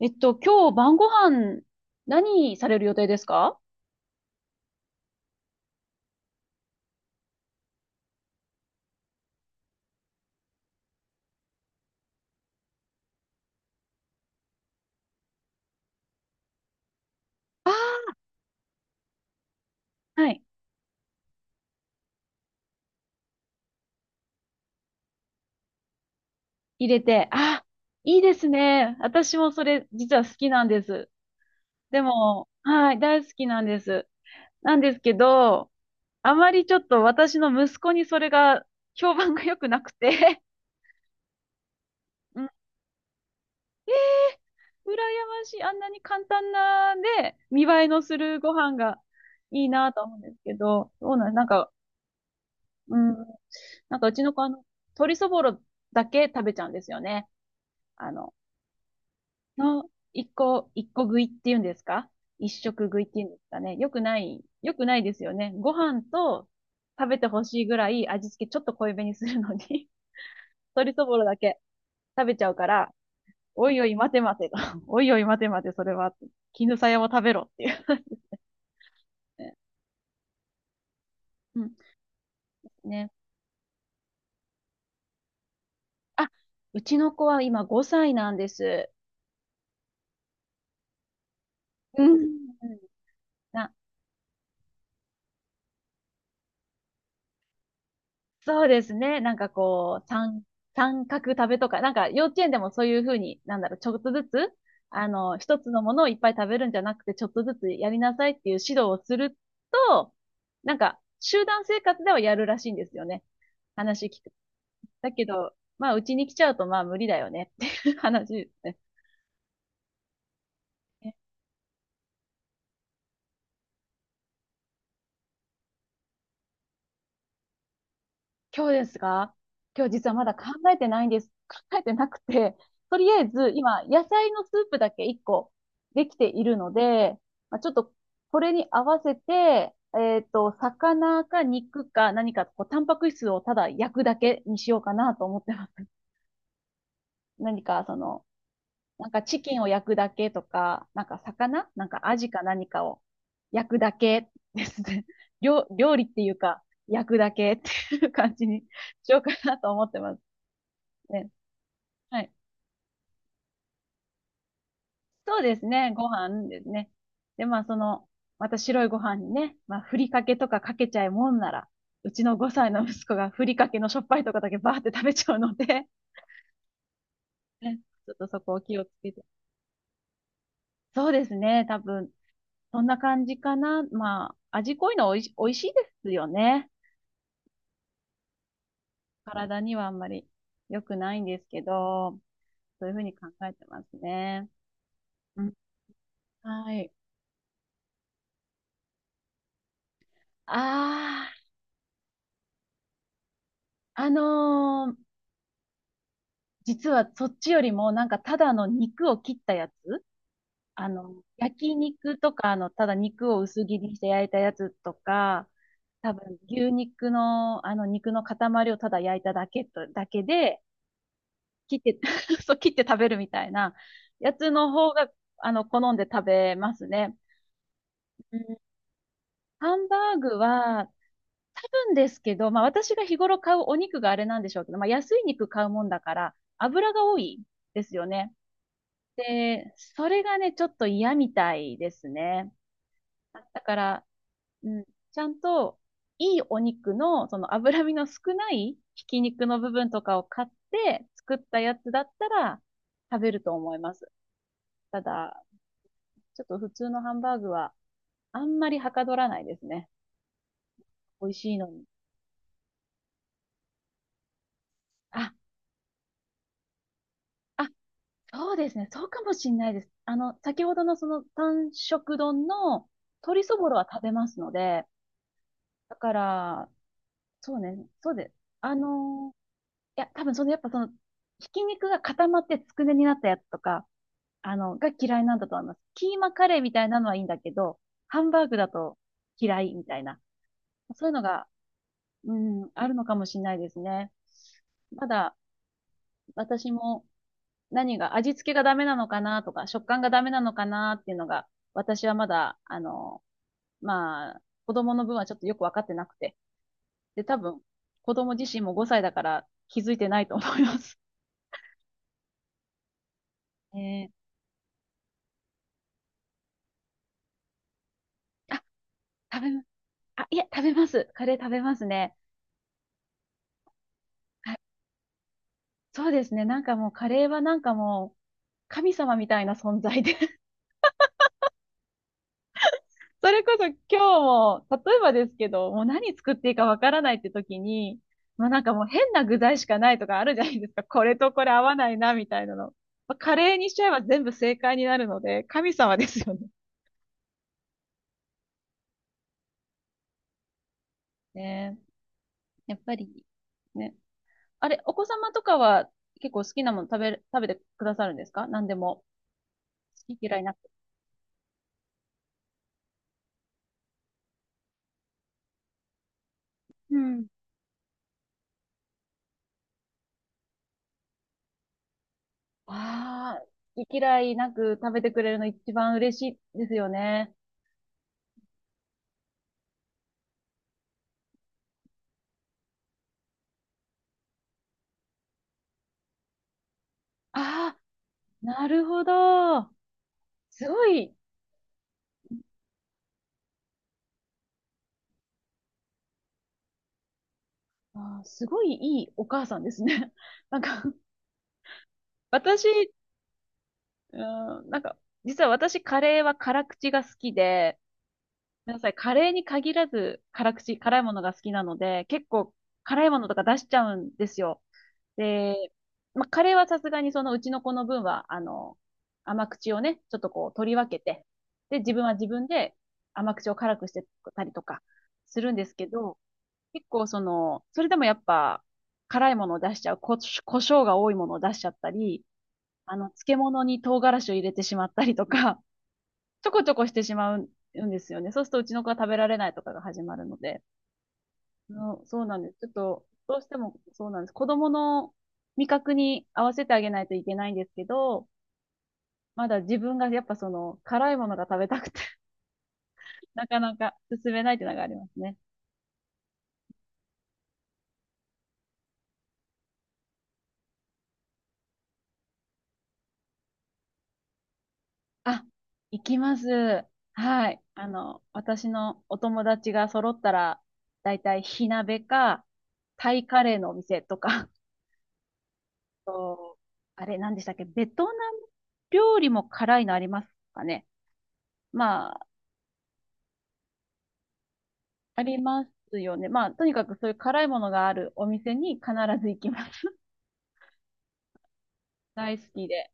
今日晩ご飯、何される予定ですか？ああ、ーはい。入れて。あ、いいですね。私もそれ、実は好きなんです。でも、はい、大好きなんです。なんですけど、あまりちょっと私の息子にそれが、評判が良くなくて、うん、羨ましい。あんなに簡単な、で、見栄えのするご飯がいいなと思うんですけど、なんか、うん、なんかうちの子、鶏そぼろだけ食べちゃうんですよね。あの、の、一個、一個食いっていうんですか、一食食いっていうんですかね。よくないですよね。ご飯と食べてほしいぐらい味付けちょっと濃いめにするのに、 鶏そぼろだけ食べちゃうから、おいおい待て待てと。おいおい待て待て、それは。絹さやも食べろっていう。ね、うん。ね。あ、うちの子は今5歳なんです。うん。うん。なそうですね。なんかこう、三角食べとか、なんか幼稚園でもそういうふうに、なんだろう、ちょっとずつ、一つのものをいっぱい食べるんじゃなくて、ちょっとずつやりなさいっていう指導をすると、なんか、集団生活ではやるらしいんですよね。話聞く。だけど、まあ、うちに来ちゃうと、まあ、無理だよねっていう話ですね。今日ですか？今日実はまだ考えてないんです。考えてなくて、とりあえず今、野菜のスープだけ1個できているので、まあ、ちょっとこれに合わせて、魚か肉か何か、こう、タンパク質をただ焼くだけにしようかなと思ってます。何か、その、なんかチキンを焼くだけとか、なんか魚なんかアジか何かを焼くだけですね。料理っていうか、焼くだけっていう感じにしようかなと思ってます。ね、はい。そうですね。ご飯ですね。で、まあ、その、また白いご飯にね、まあ、ふりかけとかかけちゃうもんなら、うちの5歳の息子がふりかけのしょっぱいとかだけバーって食べちゃうので、ね、ちょっとそこを気をつけて。そうですね。多分、そんな感じかな。まあ、味濃いのおいし、美味しいですよね。体にはあんまり良くないんですけど、そういうふうに考えてますね。うん、はい。ああ、実はそっちよりも、なんかただの肉を切ったやつ、あの、焼肉とか、あの、ただ肉を薄切りにして焼いたやつとか、多分牛肉の、あの、肉の塊をただ焼いただけと、だけで、切って、そう、切って食べるみたいなやつの方が、あの、好んで食べますね。うん。ハンバーグは、多分ですけど、まあ私が日頃買うお肉があれなんでしょうけど、まあ安い肉買うもんだから、油が多いですよね。で、それがね、ちょっと嫌みたいですね。だから、うん、ちゃんと、いいお肉の、その脂身の少ないひき肉の部分とかを買って作ったやつだったら食べると思います。ただ、ちょっと普通のハンバーグはあんまりはかどらないですね。美味しいのに。あ、あ、そうですね。そうかもしんないです。あの、先ほどのその単色丼の鶏そぼろは食べますので、だから、そうね、そうで、あのーいや、多分その、やっぱその、ひき肉が固まってつくねになったやつとか、あの、が嫌いなんだと思います。キーマカレーみたいなのはいいんだけど、ハンバーグだと嫌いみたいな、そういうのが、うん、あるのかもしれないですね。ただ、私も何が、味付けがダメなのかなとか、食感がダメなのかなっていうのが、私はまだ、あの、まあ、子供の分はちょっとよくわかってなくて、で、多分、子供自身も5歳だから気づいてないと思います。えー、あ、食べま、あ、いや食べます。カレー食べますね。そうですね。なんかもうカレーはなんかもう神様みたいな存在で、 それこそ今日も、例えばですけど、もう何作っていいかわからないって時に、まあなんかもう変な具材しかないとかあるじゃないですか。これとこれ合わないな、みたいなの。まあ、カレーにしちゃえば全部正解になるので、神様ですよね。ね、やっぱり、ね、あれ、お子様とかは結構好きなもの食べてくださるんですか、何でも。好き嫌いなく。うん。ああ、好き嫌いなく食べてくれるの一番嬉しいですよね。ああ、なるほど。すごい、あー、すごいいいお母さんですね。なんか、私、うん、なんか、実は私カレーは辛口が好きで、ごめんなさい、カレーに限らず辛口、辛いものが好きなので、結構辛いものとか出しちゃうんですよ。で、まあ、カレーはさすがにそのうちの子の分は、あの、甘口をね、ちょっとこう取り分けて、で、自分は自分で甘口を辛くしてたりとかするんですけど、結構その、それでもやっぱ辛いものを出しちゃう、胡椒が多いものを出しちゃったり、あの、漬物に唐辛子を入れてしまったりとか、ちょこちょこしてしまうんですよね。そうするとうちの子は食べられないとかが始まるので。うん、そうなんです。ちょっと、どうしてもそうなんです。子供の味覚に合わせてあげないといけないんですけど、まだ自分がやっぱその辛いものが食べたくて、 なかなか進めないっていうのがありますね。あ、行きます。はい。あの、私のお友達が揃ったら、だいたい火鍋か、タイカレーのお店とか、と、あれ、何でしたっけ、ベトナム料理も辛いのありますかね。ま、ありますよね。まあ、とにかくそういう辛いものがあるお店に必ず行きます。大好きで。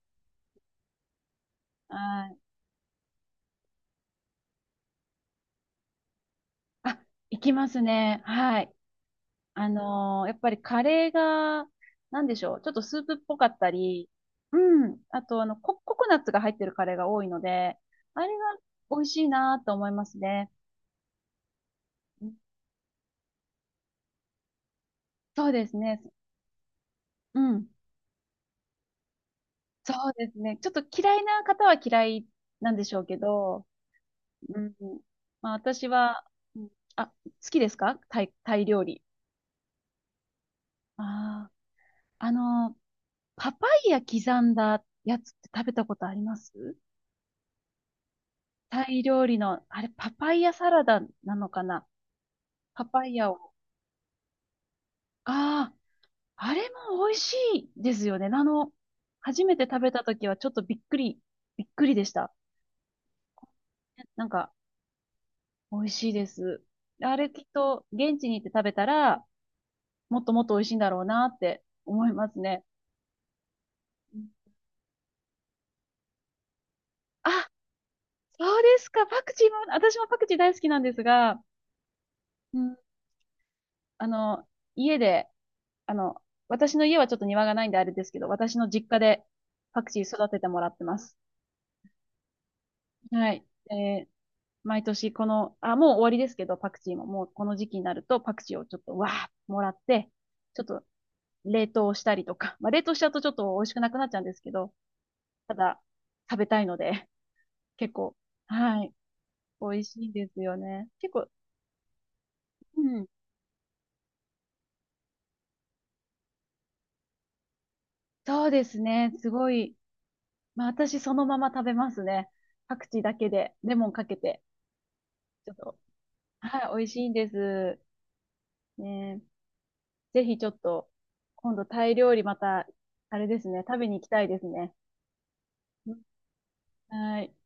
はい。あ、行きますね。はい。やっぱりカレーが、なんでしょう。ちょっとスープっぽかったり、うん。あと、あの、ココナッツが入ってるカレーが多いので、あれが美味しいなと思いますね。うん、そうですね。うん。そうですね。ちょっと嫌いな方は嫌いなんでしょうけど、うん。まあ、私は、うん、あ、好きですかタイ、タイ料理。ああ、あの、パパイヤ刻んだやつって食べたことあります？タイ料理の、あれ、パパイヤサラダなのかな？パパイヤを。ああ、あれも美味しいですよね。あの、初めて食べた時はちょっとびっくり、びっくりでした。なんか、美味しいです。あれきっと、現地に行って食べたら、もっともっと美味しいんだろうなって思いますね。うん、あ、そうですか。パクチーも、私もパクチー大好きなんですが、うん、あの、家で、あの、私の家はちょっと庭がないんであれですけど、私の実家でパクチー育ててもらってます。はい。えー、毎年この、あ、もう終わりですけど、パクチーも、もうこの時期になるとパクチーをちょっとわーもらって、ちょっと冷凍したりとか、まあ冷凍しちゃうとちょっと美味しくなくなっちゃうんですけど、ただ食べたいので、結構、はい、美味しいですよね。結構、うん、そうですね、すごい、まあ、私そのまま食べますね。パクチーだけで、レモンかけて。ちょっと、はい、美味しいんです。ね、え、ぜひちょっと、今度タイ料理また、あれですね、食べに行きたいですね。はい。